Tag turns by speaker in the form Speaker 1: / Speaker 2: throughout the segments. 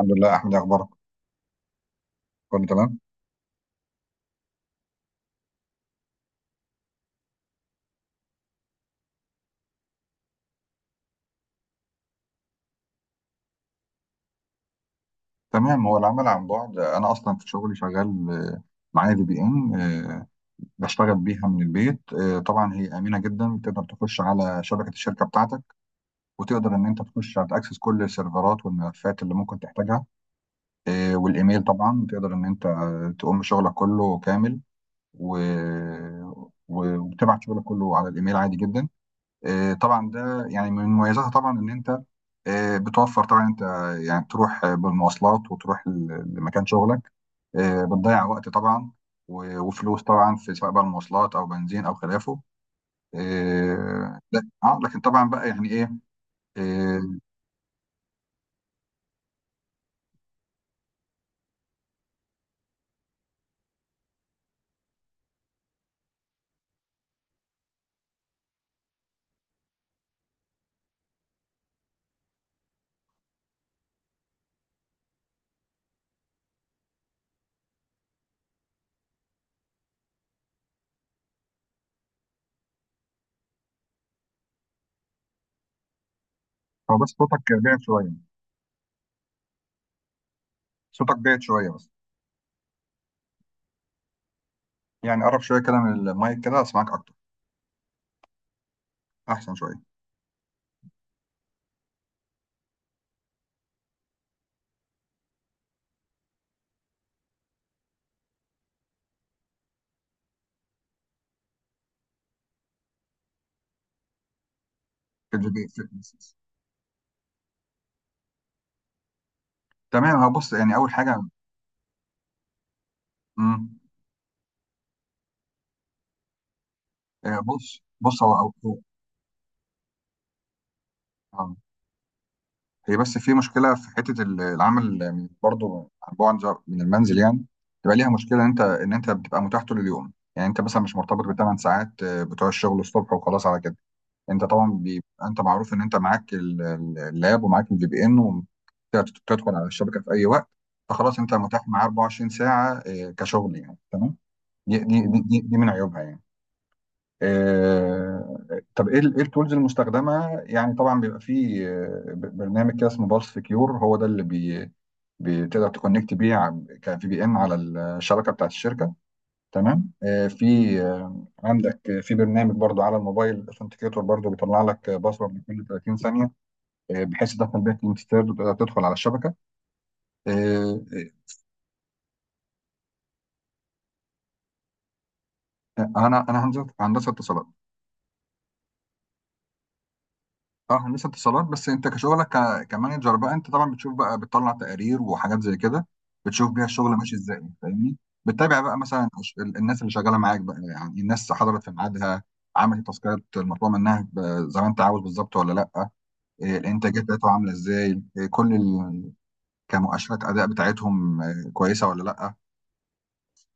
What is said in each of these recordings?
Speaker 1: الحمد لله. احمد، إيه اخبارك؟ كله تمام. تمام. هو العمل عن بعد، انا اصلا في شغلي شغال، معايا في بي ان، بشتغل بيها من البيت. طبعا هي امنه جدا، تقدر تخش على شبكه الشركه بتاعتك، وتقدر ان انت تخش تاكسس كل السيرفرات والملفات اللي ممكن تحتاجها. والايميل طبعا تقدر ان انت تقوم بشغلك كله كامل و... وبتبعت شغلك كله على الايميل عادي جدا. طبعا ده يعني من مميزاتها، طبعا ان انت بتوفر. طبعا انت يعني تروح بالمواصلات وتروح لمكان شغلك، بتضيع وقت طبعا وفلوس طبعا، في سواء بقى المواصلات او بنزين او خلافه. لا لكن طبعا بقى يعني ايه. آه، هو بس صوتك بعد شويه. صوتك بعد شويه بس. يعني قرب شويه كده من المايك كده، اسمعك اكتر، احسن شويه. في البيت في- تمام. هو بص، يعني اول حاجه. مم، آه، بص بص هو أو- هو- آه. هي بس في مشكلة في حتة العمل برضو عن بعد من المنزل، يعني تبقى ليها مشكلة إن أنت إن أنت بتبقى متاح طول اليوم. يعني أنت مثلا مش مرتبط ب8 ساعات بتوع الشغل الصبح وخلاص على كده. أنت طبعا بيبقى أنت معروف إن أنت معاك اللاب ومعاك الفي بي إن، وتدخل على الشبكة في أي وقت. فخلاص أنت متاح معاه 24 ساعة، كشغل يعني. تمام. دي من عيوبها يعني. طب ايه ايه التولز المستخدمه؟ يعني طبعا بيبقى فيه برنامج كده اسمه بالس سكيور، هو ده اللي بي بتقدر تكونكت بيه كفي بي ان على الشبكه بتاعت الشركه. تمام. آه، في آه، عندك في برنامج برضو على الموبايل، اثنتيكيتور، برضو بيطلع لك باسورد كل 30 ثانيه، بحيث تدخل بيها كلمه سر وتقدر تدخل على الشبكه. آه، انا انا هندسة اتصالات. اه هندسه اتصالات. بس انت كشغلك كمانجر بقى، انت طبعا بتشوف بقى، بتطلع تقارير وحاجات زي كده، بتشوف بيها الشغل ماشي ازاي، فاهمني. بتتابع بقى مثلا الناس اللي شغاله معاك بقى، يعني الناس حضرت في ميعادها، عملت التاسكات المطلوبه منها زي ما انت عاوز بالظبط ولا لا، الانتاجيه بتاعتهم عامله ازاي، كمؤشرات اداء بتاعتهم كويسه ولا لا.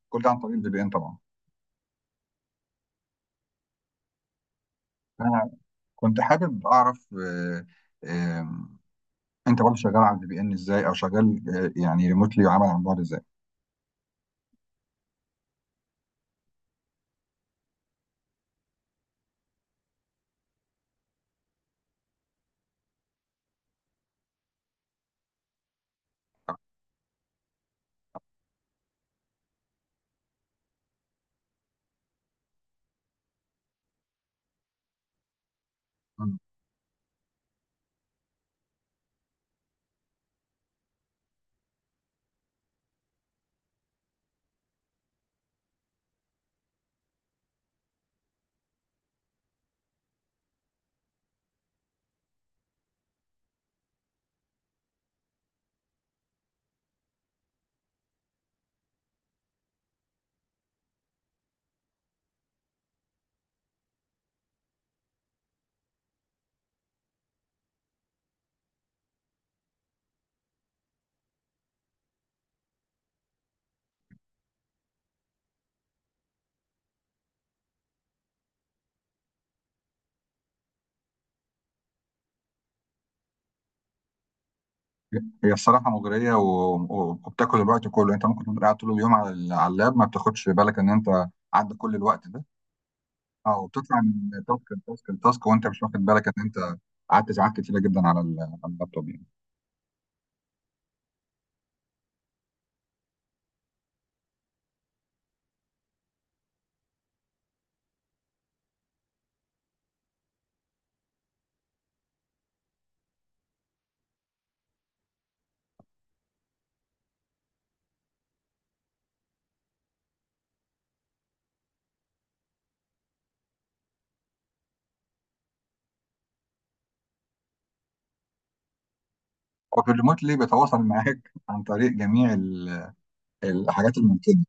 Speaker 1: كل ده عن طريق الفي بي ان طبعا. انا كنت حابب اعرف آه، انت برضه شغال على الفي بي ان ازاي، او شغال يعني ريموتلي وعمل عن بعد ازاي. هي الصراحة مغرية وبتاكل الوقت كله، انت ممكن تبقى قاعد طول اليوم على على اللاب، ما بتاخدش بالك ان انت عدى كل الوقت ده، او بتطلع من تاسك لتاسك لتاسك وانت مش واخد بالك ان انت قعدت ساعات كتيرة جدا على على اللابتوب يعني. هو في الريموتلي بيتواصل معاك عن طريق جميع الحاجات الممكنة.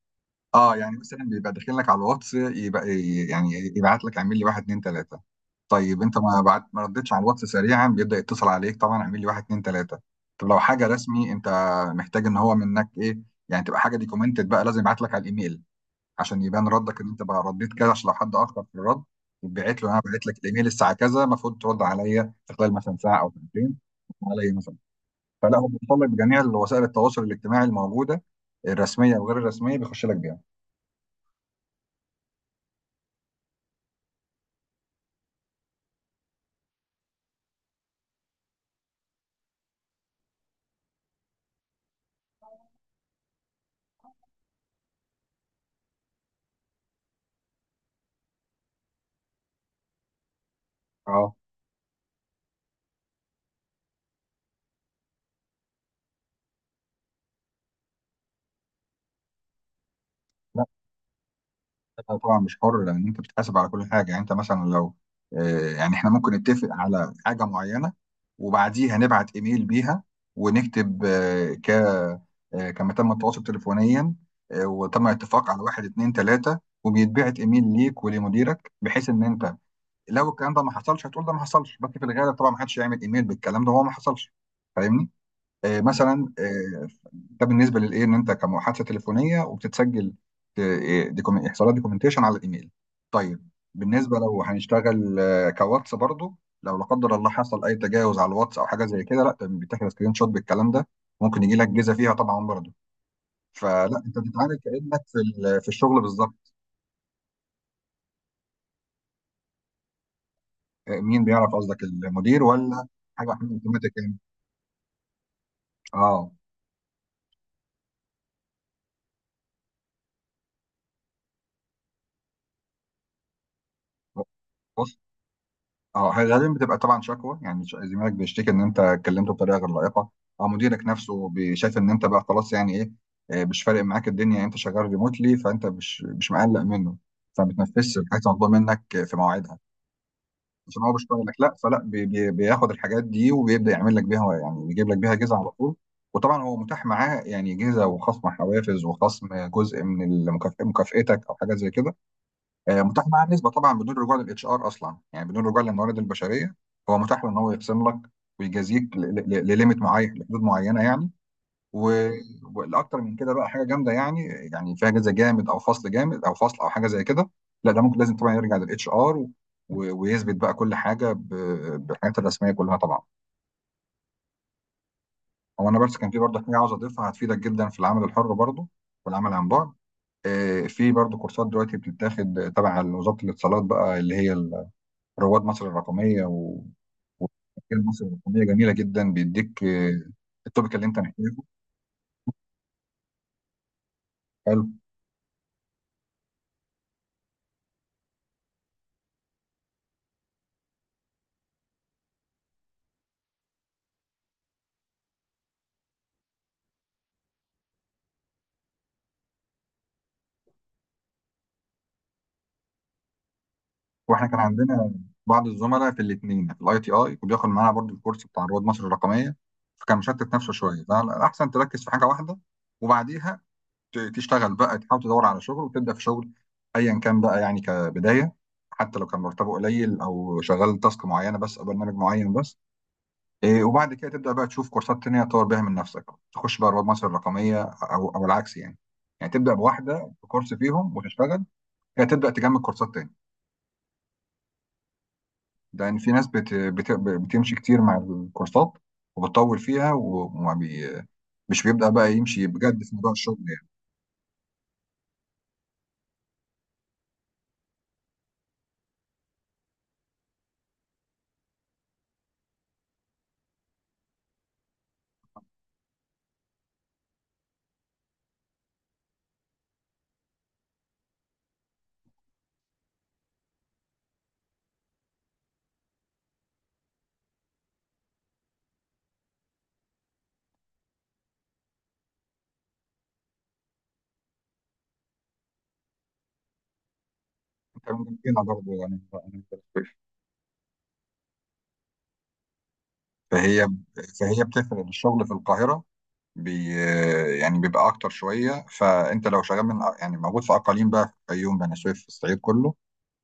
Speaker 1: اه، يعني مثلا بيبقى داخل لك على الواتس، يبقى يعني يبعت لك اعمل لي واحد اتنين تلاته. طيب انت ما بعت، ما ردتش على الواتس سريعا، بيبدا يتصل عليك طبعا، اعمل لي واحد اتنين تلاته. طب لو حاجه رسمي انت محتاج ان هو منك ايه، يعني تبقى حاجه ديكومنتد بقى، لازم يبعت لك على الايميل، عشان يبان ردك ان انت بقى رديت كذا، عشان لو حد اخر في الرد يتبعت له، انا بعت لك الايميل الساعه كذا، المفروض ترد عليا في خلال مثلا ساعه او ساعتين عليا مثلا. فلا هو بيوصل لك بجميع وسائل التواصل الاجتماعي الموجوده، الرسميه وغير الرسميه، بيخش لك بيها. اه. لا، أنت طبعا مش حر، لان انت بتتحاسب على كل حاجه. يعني انت مثلا لو يعني احنا ممكن نتفق على حاجه معينه، وبعديها نبعت ايميل بيها، ونكتب آه، ك آه، كما تم التواصل تليفونيا، وتم الاتفاق على واحد اتنين تلاته، وبيتبعت ايميل ليك ولمديرك، بحيث ان انت لو الكلام ده ما حصلش هتقول ده ما حصلش. بس في الغالب طبعا ما حدش هيعمل ايميل بالكلام ده، هو ما حصلش، فاهمني؟ آه، مثلا آه، ده بالنسبه للايه ان انت كمحادثه تليفونيه وبتتسجل، يحصل لها دوكيومنتيشن على الايميل. طيب بالنسبه لو هنشتغل كواتس برضو، لو لا قدر الله حصل اي تجاوز على الواتس او حاجه زي كده، لا ده بتاخد سكرين شوت بالكلام ده، ممكن يجي لك جيزه فيها طبعا برضو. فلا انت بتتعامل كانك في في الشغل بالظبط. مين بيعرف؟ قصدك المدير، ولا حاجه اوتوماتيك يعني؟ اه. اه غالبا بتبقى طبعا شكوى، يعني زميلك بيشتكي ان انت اتكلمته بطريقه غير لائقه، او مديرك نفسه شايف ان انت بقى خلاص، يعني ايه، مش فارق معاك الدنيا. يعني انت شغال ريموتلي، فانت مش مقلق منه، فما بتنفذش الحاجات المطلوبه منك في مواعيدها، عشان هو بيشتغلك. لا، فلا بي بياخد الحاجات دي وبيبدا يعمل لك بيها، يعني بيجيب لك بيها جزء على طول. وطبعا هو متاح معاه، يعني جزء وخصم حوافز وخصم جزء من مكافأتك، او حاجه زي كده. متاح معاه نسبه طبعا بدون رجوع للاتش ار اصلا، يعني بدون رجوع للموارد البشريه، هو متاح له ان هو يقسم لك ويجازيك لليميت معين، لحدود معينه يعني. و- والاكتر من كده بقى حاجه جامده يعني، يعني فيها جزء جامد او فصل جامد او فصل او حاجه زي كده، لا ده ممكن لازم طبعا يرجع للاتش ار، ويثبت بقى كل حاجه بالحاجات الرسميه كلها طبعا. هو انا بس كان في برضه حاجه عاوز اضيفها، هتفيدك جدا في العمل الحر برضه والعمل عن بعد. في برضه كورسات دلوقتي بتتاخد تبع وزاره الاتصالات، بقى اللي هي رواد مصر الرقميه. و ومجال مصر الرقميه جميله جدا، بيديك التوبيك اللي انت محتاجه. حلو. واحنا كان عندنا بعض الزملاء في الاثنين، في الاي تي اي، وبياخد معانا برضو الكورس بتاع رواد مصر الرقميه، فكان مشتت نفسه شويه، فالاحسن تركز في حاجه واحده، وبعديها تشتغل بقى، تحاول تدور على شغل وتبدا في شغل، ايا كان بقى يعني كبدايه، حتى لو كان مرتبه قليل، او شغال تاسك معينه بس، او برنامج معين بس. وبعد كده تبدأ بقى تشوف كورسات تانية تطور بيها من نفسك، تخش بقى رواد مصر الرقمية، أو العكس يعني، يعني تبدأ بواحدة بكورس فيهم وتشتغل كده، تبدأ تجمع كورسات تاني، لأن في ناس بتمشي كتير مع الكورسات، وبتطول فيها، مش بيبدأ بقى يمشي بجد في موضوع الشغل يعني. انت من هنا برضه يعني؟ أنا- فهي فهي بتفرق الشغل في القاهرة، بي... يعني بيبقى أكتر شوية. فأنت لو شغال من، يعني موجود في أقاليم بقى، في الفيوم، بني سويف، في الصعيد كله،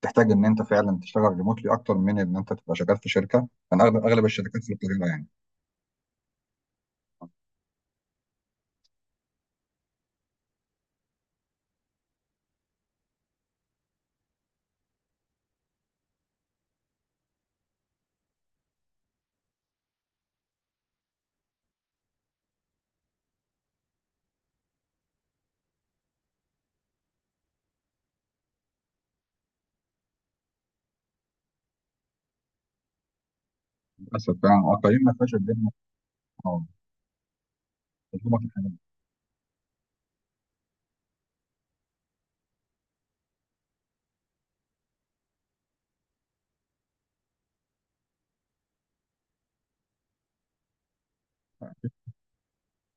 Speaker 1: تحتاج ان انت فعلا تشتغل ريموتلي، اكتر من ان انت تبقى شغال في شركه. انا اغلب، الشركات في القاهره يعني، للاسف فعلا. اه، قليل ما فيهاش الدنيا. أه، الحكومه في الحاجات دي.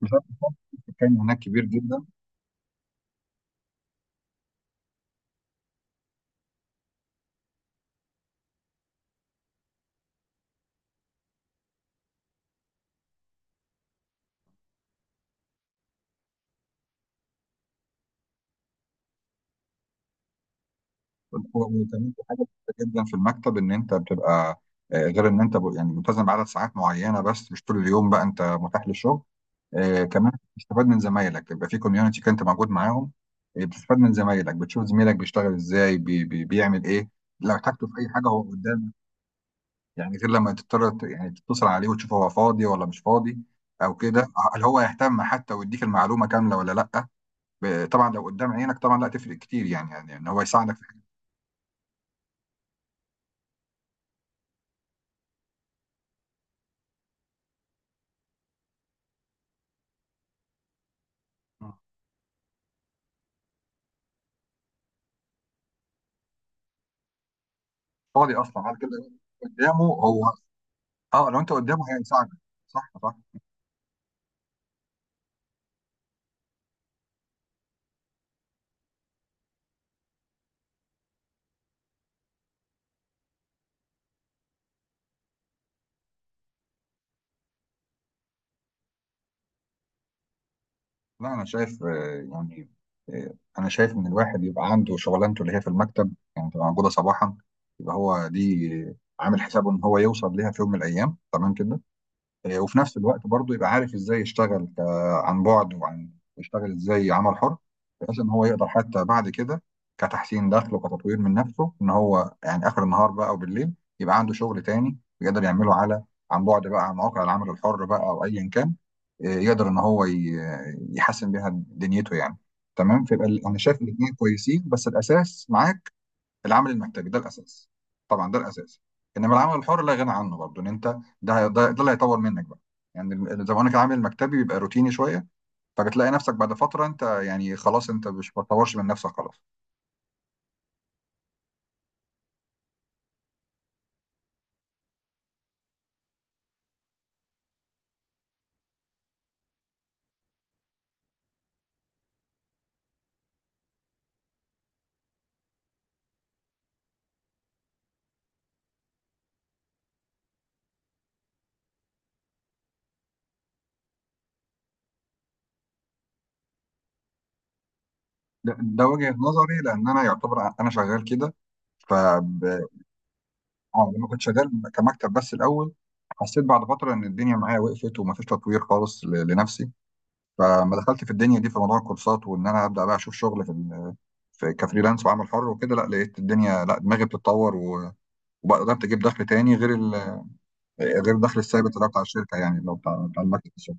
Speaker 1: بسبب السكان هناك كبير جدا. وكمان في حاجه كبيرة جدا في المكتب، ان انت بتبقى غير ان انت يعني ملتزم بعدد ساعات معينه بس، مش طول اليوم بقى انت متاح للشغل. كمان بتستفاد من زمايلك، يبقى في كوميونتي كنت موجود معاهم، بتستفاد من زمايلك، بتشوف زميلك بيشتغل ازاي، بي بيعمل ايه، لو احتاجته في اي حاجه هو قدامك. يعني غير لما تضطر يعني تتصل عليه وتشوف هو فاضي ولا مش فاضي او كده، هل هو يهتم حتى ويديك المعلومه كامله ولا لا. طبعا لو قدام عينك طبعا لا تفرق كتير يعني، يعني ان هو يساعدك في حاجه. فاضي اصلا بعد كده. قدامه هو. اه لو انت قدامه هيساعدك. صح. لا، انا شايف انا شايف ان الواحد يبقى عنده شغلانته اللي هي في المكتب، يعني تبقى موجوده صباحا، يبقى هو دي عامل حسابه ان هو يوصل ليها في يوم من الايام، تمام كده. وفي نفس الوقت برضه يبقى عارف ازاي يشتغل عن بعد، يشتغل ازاي عمل حر، بحيث ان هو يقدر حتى بعد كده كتحسين دخل وكتطوير من نفسه، ان هو يعني اخر النهار بقى، او بالليل، يبقى عنده شغل تاني يقدر يعمله على عن بعد بقى، على مواقع العمل الحر بقى، او ايا كان. يقدر ان هو يحسن بيها دنيته يعني. تمام. فيبقى انا شايف الاثنين كويسين، بس الاساس معاك العمل المكتبي، ده الاساس. طبعا ده الاساس. انما العمل الحر لا غنى عنه برضه، ان انت ده ده اللي هيطور منك بقى. يعني زي ما قلنا كده، العمل المكتبي بيبقى روتيني شويه، فبتلاقي نفسك بعد فتره انت يعني خلاص، انت مش بتطورش من نفسك خلاص. ده وجهه نظري، لان انا يعتبر انا شغال كده. ف ب- لما كنت شغال كمكتب بس الاول، حسيت بعد فتره ان الدنيا معايا وقفت، ومفيش تطوير خالص لنفسي، فما دخلت في الدنيا دي في موضوع الكورسات، وان انا ابدا بقى اشوف شغل في في كفريلانس وعمل حر وكده، لا لقيت الدنيا لا دماغي بتتطور، وبقدرت اجيب دخل تاني غير غير الدخل الثابت اللي هو بتاع الشركه، يعني اللي هو بتاع المكتب الشغل.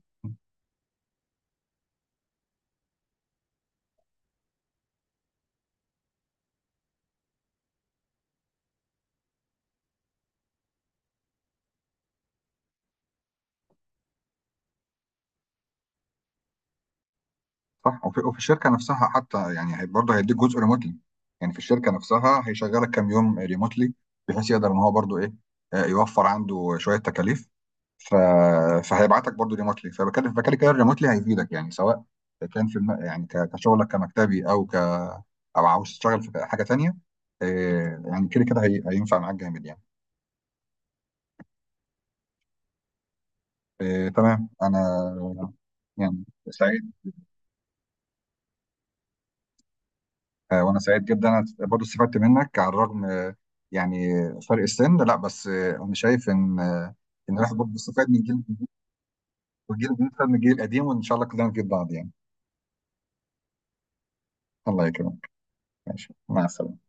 Speaker 1: صح. وفي الشركه نفسها حتى يعني برضه هيديك جزء ريموتلي، يعني في الشركه نفسها هيشغلك كام يوم ريموتلي، بحيث يقدر ان هو برضه ايه، يوفر عنده شويه تكاليف. ف... فهيبعتك برضه ريموتلي. فبكلم فكده كده الريموتلي هيفيدك يعني، سواء كان يعني كشغلك كمكتبي، او عاوز تشتغل في حاجه تانيه. يعني كده كده هينفع معاك جامد يعني. تمام. انا يعني سعيد. وانا سعيد جدا. انا برضو استفدت منك، على الرغم يعني فرق السن، لا بس انا شايف ان ان الواحد برضو استفاد من جيل، وجيل بيستفاد من الجيل القديم، وان شاء الله كلنا نفيد بعض يعني. الله يكرمك. ماشي، مع السلامه.